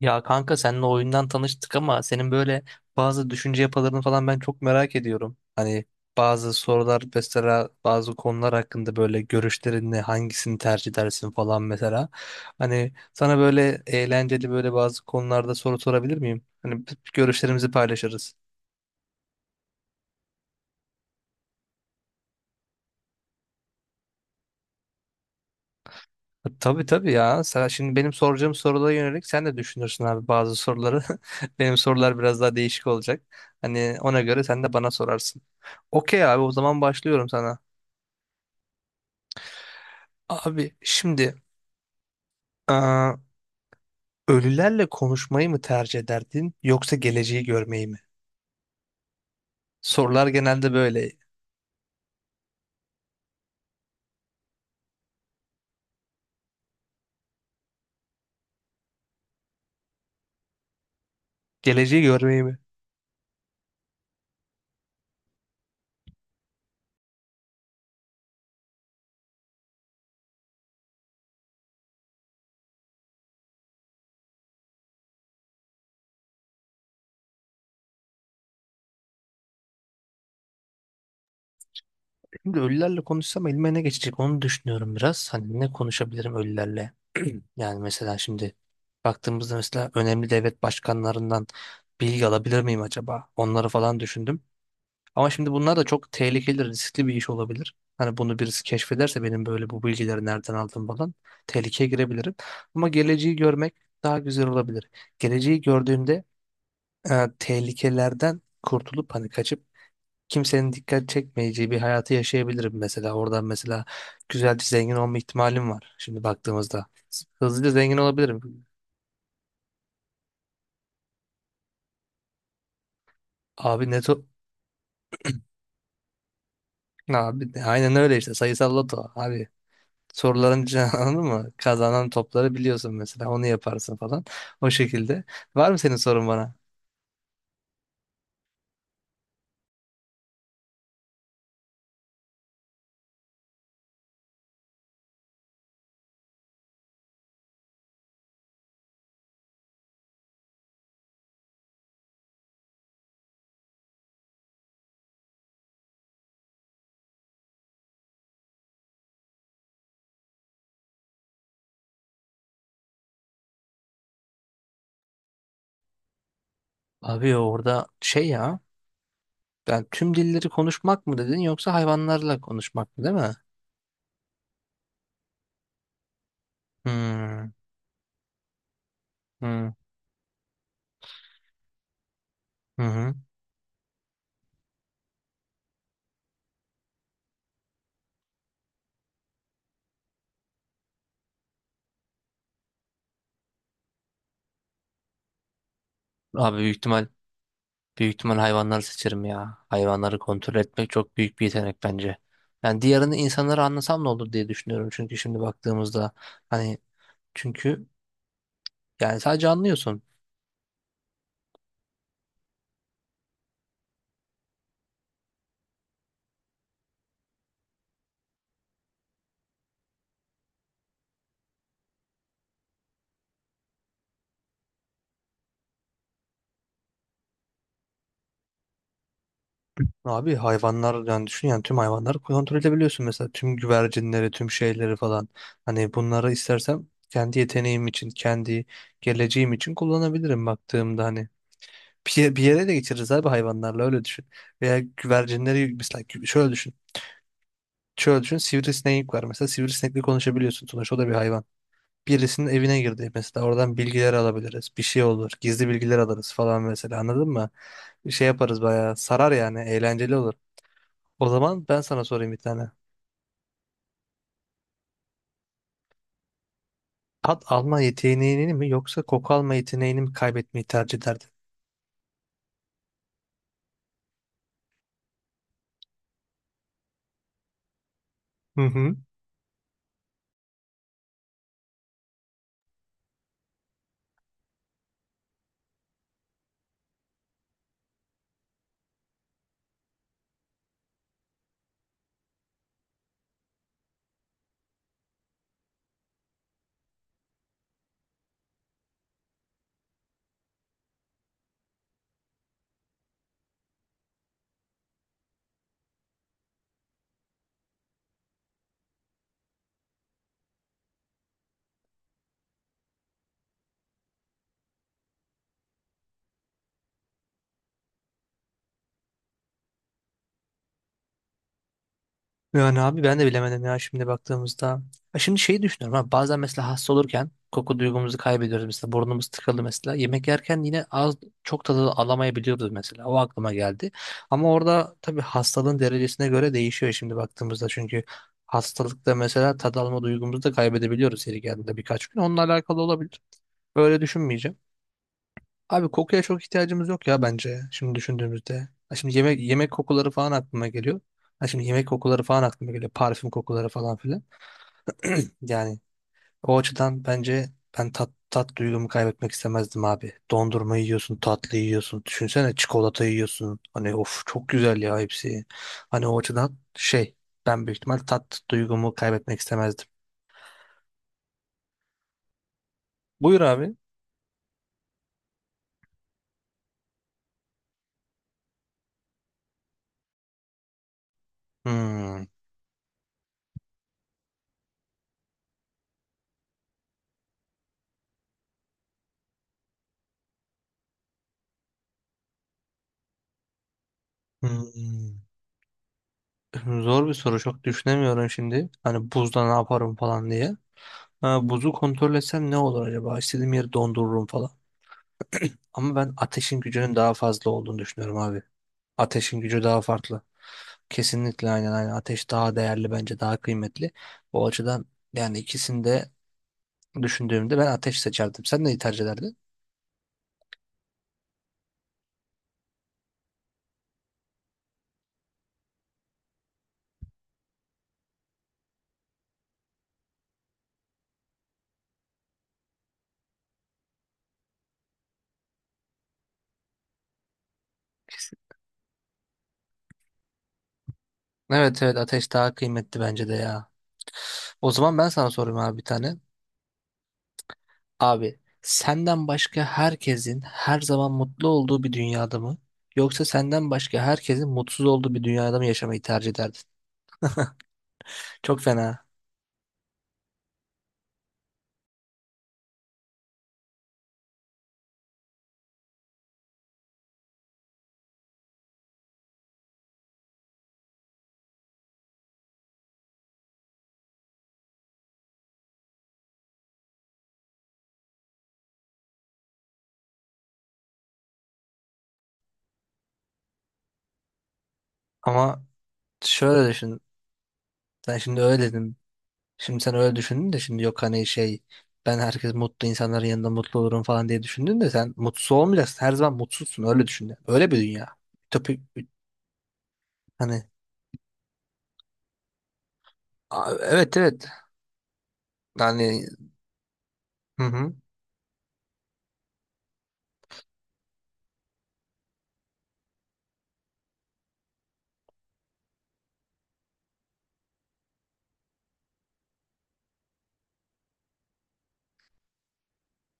Ya kanka seninle oyundan tanıştık ama senin böyle bazı düşünce yapılarını falan ben çok merak ediyorum. Hani bazı sorular mesela bazı konular hakkında böyle görüşlerin ne hangisini tercih edersin falan mesela. Hani sana böyle eğlenceli böyle bazı konularda soru sorabilir miyim? Hani görüşlerimizi paylaşırız. Ha, tabii tabii ya. Sen şimdi benim soracağım sorulara yönelik sen de düşünürsün abi bazı soruları. Benim sorular biraz daha değişik olacak. Hani ona göre sen de bana sorarsın. Okey abi o zaman başlıyorum sana. Abi şimdi aa, ölülerle konuşmayı mı tercih ederdin yoksa geleceği görmeyi mi? Sorular genelde böyle. Geleceği görmeyi mi? Şimdi ölülerle konuşsam elime ne geçecek onu düşünüyorum biraz. Hani ne konuşabilirim ölülerle? Yani mesela şimdi baktığımızda mesela önemli devlet başkanlarından bilgi alabilir miyim acaba? Onları falan düşündüm. Ama şimdi bunlar da çok tehlikeli, riskli bir iş olabilir. Hani bunu birisi keşfederse benim böyle bu bilgileri nereden aldım falan tehlikeye girebilirim. Ama geleceği görmek daha güzel olabilir. Geleceği gördüğünde tehlikelerden kurtulup hani kaçıp kimsenin dikkat çekmeyeceği bir hayatı yaşayabilirim mesela. Oradan mesela güzelce zengin olma ihtimalim var şimdi baktığımızda. Hızlıca zengin olabilirim. Abi ne to... Abi aynen öyle işte sayısal loto. Abi soruların cevabı anladın mı? Kazanan topları biliyorsun mesela onu yaparsın falan. O şekilde. Var mı senin sorun bana? Abi orada şey ya ben tüm dilleri konuşmak mı dedin yoksa hayvanlarla konuşmak mı değil mi? Hmm, hmm, hı hı. Abi büyük ihtimal hayvanları seçerim ya. Hayvanları kontrol etmek çok büyük bir yetenek bence. Yani diğerini insanları anlasam ne olur diye düşünüyorum çünkü şimdi baktığımızda hani çünkü yani sadece anlıyorsun. Abi hayvanlar yani düşün yani tüm hayvanları kontrol edebiliyorsun mesela tüm güvercinleri tüm şeyleri falan hani bunları istersem kendi yeteneğim için kendi geleceğim için kullanabilirim baktığımda hani bir yere de geçiririz abi hayvanlarla öyle düşün veya güvercinleri mesela şöyle düşün şöyle düşün sivrisinek var mesela sivrisinekle konuşabiliyorsun sonuçta o da bir hayvan birisinin evine girdi mesela oradan bilgiler alabiliriz bir şey olur gizli bilgiler alırız falan mesela anladın mı bir şey yaparız bayağı sarar yani eğlenceli olur. O zaman ben sana sorayım bir tane. Tat alma yeteneğini mi yoksa koku alma yeteneğini mi kaybetmeyi tercih ederdin? Hı hı. Yani abi ben de bilemedim ya şimdi baktığımızda. Ha şimdi şeyi düşünüyorum ha bazen mesela hasta olurken koku duygumuzu kaybediyoruz mesela burnumuz tıkalı mesela. Yemek yerken yine az çok tadı alamayabiliyoruz mesela o aklıma geldi. Ama orada tabii hastalığın derecesine göre değişiyor şimdi baktığımızda çünkü hastalıkta mesela tad alma duygumuzu da kaybedebiliyoruz yeri geldiğinde birkaç gün. Onunla alakalı olabilir. Böyle düşünmeyeceğim. Abi kokuya çok ihtiyacımız yok ya bence şimdi düşündüğümüzde. Ha şimdi yemek yemek kokuları falan aklıma geliyor. Ha şimdi yemek kokuları falan aklıma geliyor. Parfüm kokuları falan filan. Yani o açıdan bence ben tat duygumu kaybetmek istemezdim abi. Dondurma yiyorsun, tatlı yiyorsun. Düşünsene çikolata yiyorsun. Hani of çok güzel ya hepsi. Hani o açıdan şey ben büyük ihtimal tat duygumu kaybetmek istemezdim. Buyur abi. Hmm. Hmm. Zor bir soru çok düşünemiyorum şimdi. Hani buzda ne yaparım falan diye. Ha, buzu kontrol etsem ne olur acaba? İstediğim yeri dondururum falan. Ama ben ateşin gücünün daha fazla olduğunu düşünüyorum abi. Ateşin gücü daha farklı. Kesinlikle aynen aynen. Ateş daha değerli bence daha kıymetli. O açıdan yani ikisini de düşündüğümde ben ateş seçerdim. Sen neyi tercih ederdin? Kesin. Evet evet ateş daha kıymetli bence de ya. O zaman ben sana sorayım abi bir tane. Abi senden başka herkesin her zaman mutlu olduğu bir dünyada mı? Yoksa senden başka herkesin mutsuz olduğu bir dünyada mı yaşamayı tercih ederdin? Çok fena ama şöyle düşün. Sen şimdi öyle dedin. Şimdi sen öyle düşündün de şimdi yok hani şey ben herkes mutlu insanların yanında mutlu olurum falan diye düşündün de sen mutsuz olmayacaksın. Her zaman mutsuzsun öyle düşün. Yani. Öyle bir dünya. Ütopik hani. Aa, evet evet yani hı hı.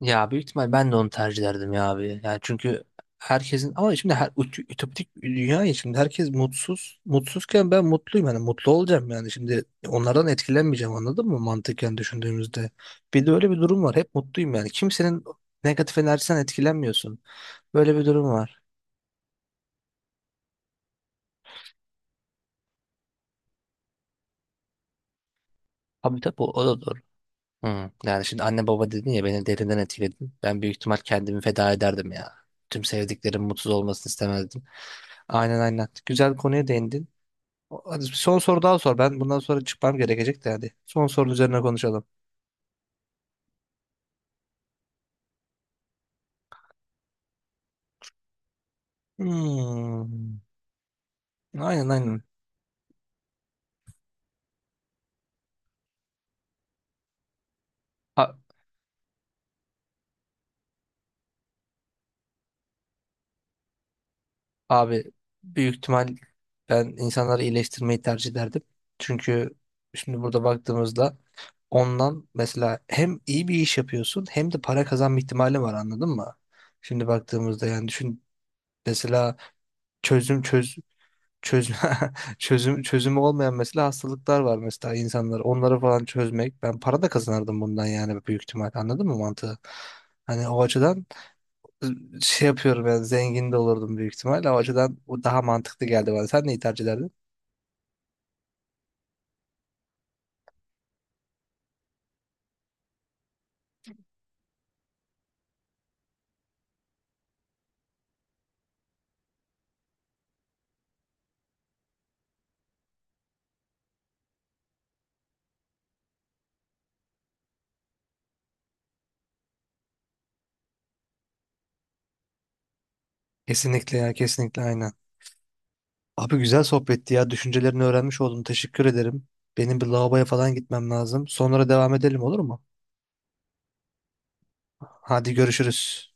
Ya büyük ihtimal ben de onu tercih ederdim ya abi. Yani çünkü herkesin ama şimdi her ütopik bir dünya ya şimdi herkes mutsuz. Mutsuzken ben mutluyum yani mutlu olacağım yani şimdi onlardan etkilenmeyeceğim anladın mı mantıken düşündüğümüzde. Bir de öyle bir durum var. Hep mutluyum yani. Kimsenin negatif enerjisinden etkilenmiyorsun. Böyle bir durum var. Abi tabii o da doğru. Hı. Yani şimdi anne baba dedin ya beni derinden etkiledin. Ben büyük ihtimal kendimi feda ederdim ya. Tüm sevdiklerim mutsuz olmasını istemezdim. Aynen aynen. Güzel konuya değindin. Hadi bir son soru daha sor. Ben bundan sonra çıkmam gerekecek de hadi. Son sorunun üzerine konuşalım. Hmm. Aynen aynen. A- abi büyük ihtimal ben insanları iyileştirmeyi tercih ederdim. Çünkü şimdi burada baktığımızda ondan mesela hem iyi bir iş yapıyorsun hem de para kazanma ihtimali var anladın mı? Şimdi baktığımızda yani düşün mesela çözüm çöz çözüm çözümü olmayan mesela hastalıklar var mesela insanlar onları falan çözmek ben para da kazanırdım bundan yani büyük ihtimal anladın mı mantığı? Hani o açıdan ı, şey yapıyorum yani zengin de olurdum büyük ihtimal o açıdan o daha mantıklı geldi bana. Sen neyi tercih ederdin? Kesinlikle ya kesinlikle aynen. Abi güzel sohbetti ya düşüncelerini öğrenmiş oldum teşekkür ederim. Benim bir lavaboya falan gitmem lazım. Sonra devam edelim olur mu? Hadi görüşürüz.